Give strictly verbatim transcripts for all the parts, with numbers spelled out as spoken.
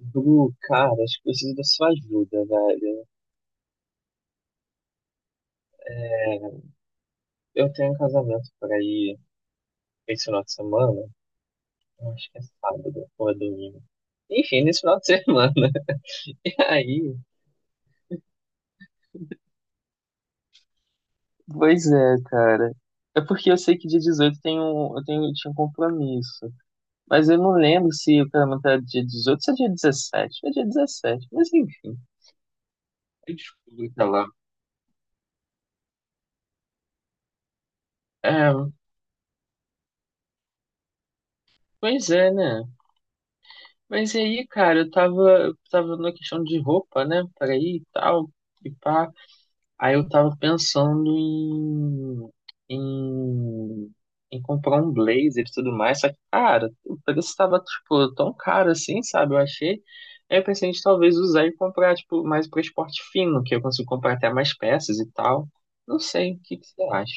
Bru, cara, acho que preciso da sua ajuda, velho. É, eu tenho um casamento por aí esse final de semana. Eu acho que é sábado ou é domingo. Enfim, nesse final de semana. E aí? Pois é, cara. É porque eu sei que dia dezoito tem um, eu tenho, tinha um compromisso. Mas eu não lembro se o casamento era dia dezoito ou se é dia dezessete. É dia dezessete, mas enfim. Eu descubro, sei lá. É, pois é, né? Mas e aí, cara, eu tava, eu tava na questão de roupa, né? Pra ir e tal, e pá. Aí eu tava pensando em, em, em comprar um blazer e tudo mais. Só que, cara, o preço tava, tipo, tão caro assim, sabe? Eu achei. Aí eu pensei em talvez usar e comprar, tipo, mais pra esporte fino, que eu consigo comprar até mais peças e tal. Não sei, o que que você acha?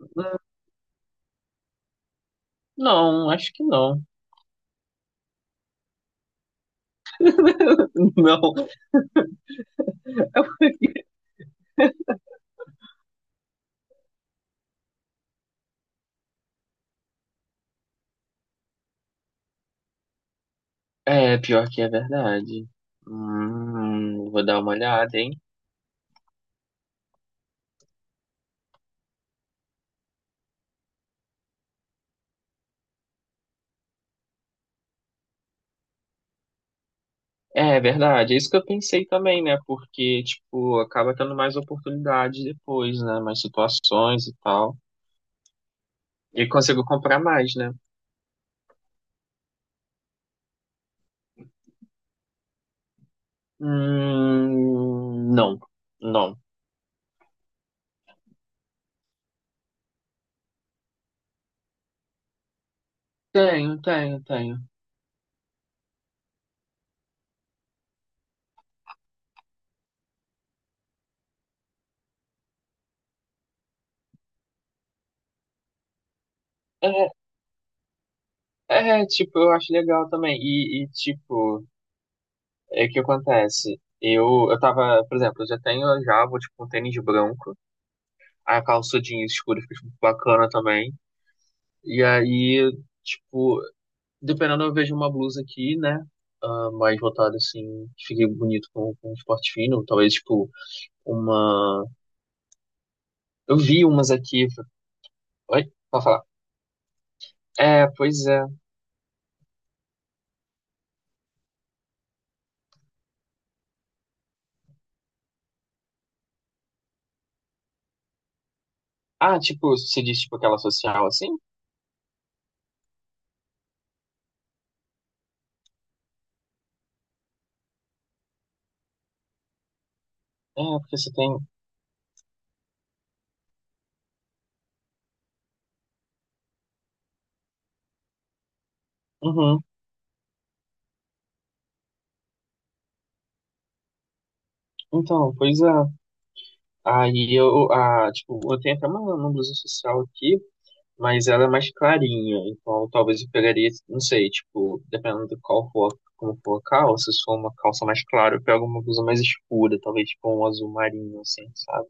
Hum, Não, acho que não. Não. É, pior que é verdade. Hum, vou dar uma olhada, hein? É é verdade, é isso que eu pensei também, né? Porque, tipo, acaba tendo mais oportunidades depois, né? Mais situações e tal. E consigo comprar mais, né? Hum, não, não. Tenho, tenho, tenho. É, é, tipo, eu acho legal também. E, e, tipo, é que acontece. Eu, eu tava, por exemplo, eu já tenho já, vou tipo um tênis branco. A calça jeans escura fica tipo, bacana também. E aí, tipo, dependendo, eu vejo uma blusa aqui, né? Ah, mais voltada assim, que fique bonito com, com um esporte fino. Talvez, tipo, uma. Eu vi umas aqui. Oi? Pode falar. É, pois é. Ah, tipo, você diz, tipo, aquela social assim? É, porque você tem. Uhum. Então, pois é. Aí eu, ah, tipo, eu tenho até uma, uma blusa social aqui. Mas ela é mais clarinha, então talvez eu pegaria, não sei, tipo, dependendo do qual for, como for a calça, se for uma calça mais clara, eu pego uma blusa mais escura, talvez tipo um azul marinho, assim, sabe?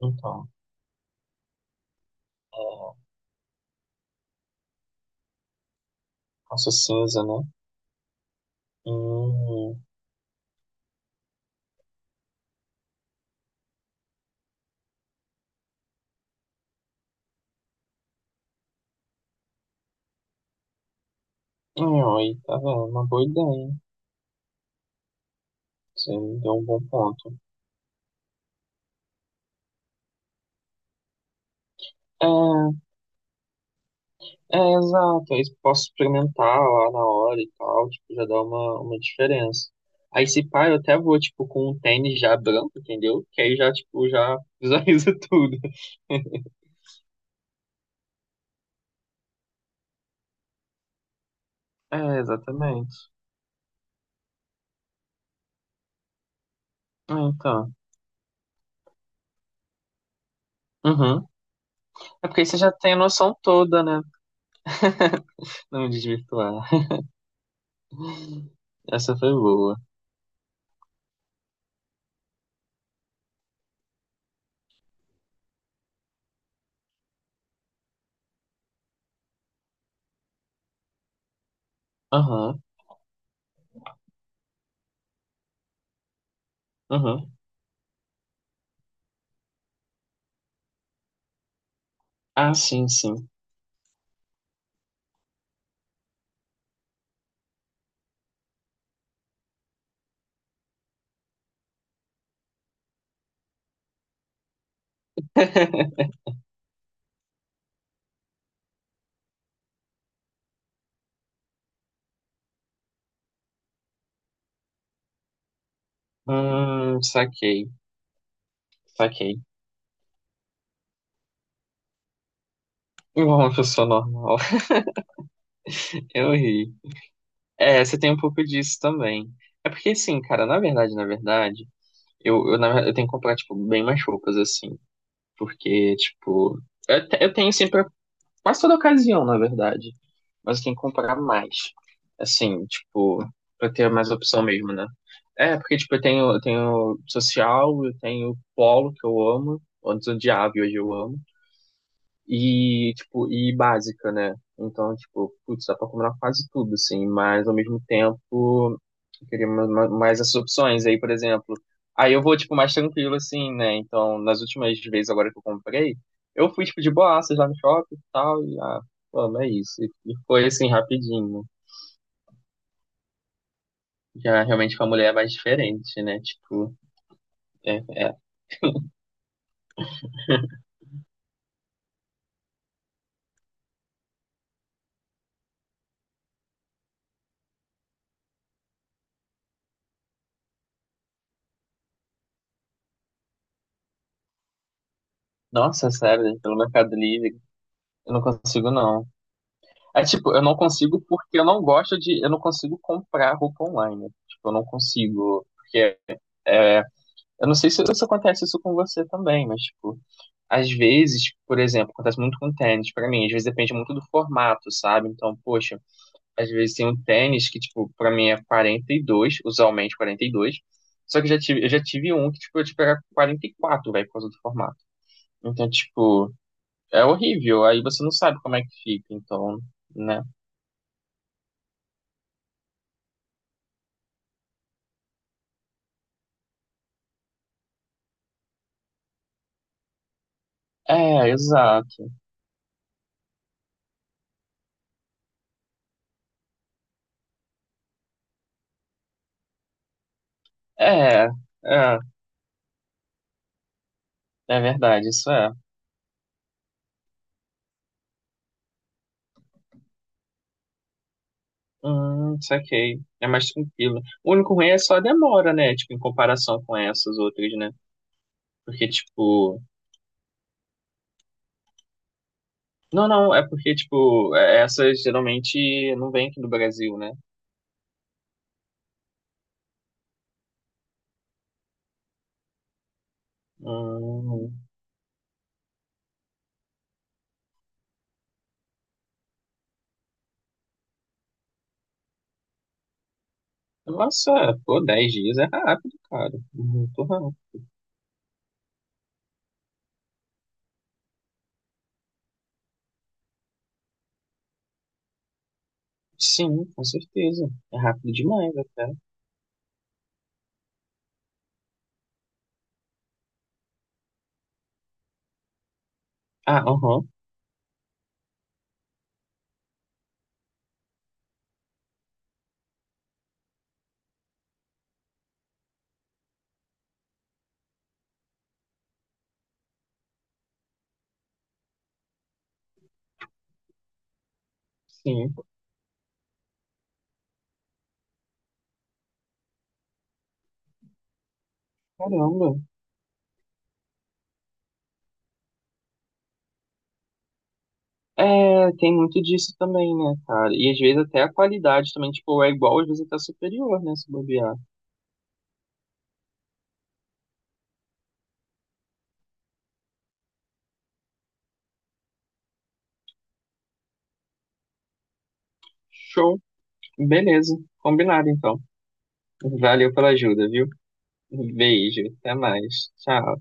Então, é, calça cinza, né? Hum, hum, aí, tá vendo? Uma boa ideia, hein? Você me deu um bom ponto. É, É, exato. Aí posso experimentar lá na hora e tal, tipo, já dá uma, uma diferença. Aí se pá, eu até vou, tipo, com um tênis já branco, entendeu? Que aí já, tipo, já visualiza tudo. É, exatamente. Ah, então. Uhum. É porque aí você já tem a noção toda, né? Não me desvirtuar. Essa foi boa. Aham, aham. Ah, sim, sim. Hum, saquei, saquei. Igual uma pessoa normal. Eu ri. É, você tem um pouco disso também. É porque, assim, cara, na verdade, na verdade, eu, eu, na verdade, eu tenho que comprar, tipo, bem mais roupas, assim. Porque, tipo, eu, te- eu tenho sempre, quase toda ocasião, na verdade. Mas eu tenho que comprar mais. Assim, tipo, pra ter mais opção mesmo, né? É, porque, tipo, eu tenho, eu tenho social, eu tenho polo, que eu amo. Antes eu odiava e hoje eu amo. E, tipo, e básica, né? Então, tipo, putz, dá pra combinar quase tudo, assim, mas ao mesmo tempo eu queria ma- ma- mais essas opções. Aí, por exemplo, aí eu vou, tipo, mais tranquilo, assim, né? Então, nas últimas vezes agora que eu comprei, eu fui, tipo, de boaças lá no shopping e tal, e, ah, mano, é isso. E e foi, assim, rapidinho. Já realmente com a mulher é mais diferente, né? Tipo, é, é. Nossa, sério, pelo Mercado Livre, eu não consigo, não. É tipo, eu não consigo porque eu não gosto de. Eu não consigo comprar roupa online. Tipo, eu não consigo. Porque é, eu não sei se, se acontece isso com você também, mas, tipo, às vezes, por exemplo, acontece muito com tênis pra mim. Às vezes depende muito do formato, sabe? Então, poxa, às vezes tem um tênis que, tipo, pra mim é quarenta e dois usualmente quarenta e dois. Só que eu já tive, eu já tive um que, tipo, eu tipo, era quarenta e quatro velho, por causa do formato. Então, tipo, é horrível. Aí você não sabe como é que fica, então, né? É, exato. É, é, é verdade, isso é. Hum, saquei. É mais tranquilo. O único ruim é só a demora, né? Tipo, em comparação com essas outras, né? Porque, tipo. Não, não, é porque, tipo, é- essas geralmente não vêm aqui do Brasil, né? Hum, Nossa, pô, dez dias é rápido, cara. Muito rápido. Sim, com certeza. É rápido demais até. Ah, aham. Sim, caramba. É, tem muito disso também, né, cara? E às vezes até a qualidade também, tipo, é igual, às vezes até superior, né, se bobear. Show. Beleza. Combinado, então. Valeu pela ajuda, viu? Beijo. Até mais. Tchau.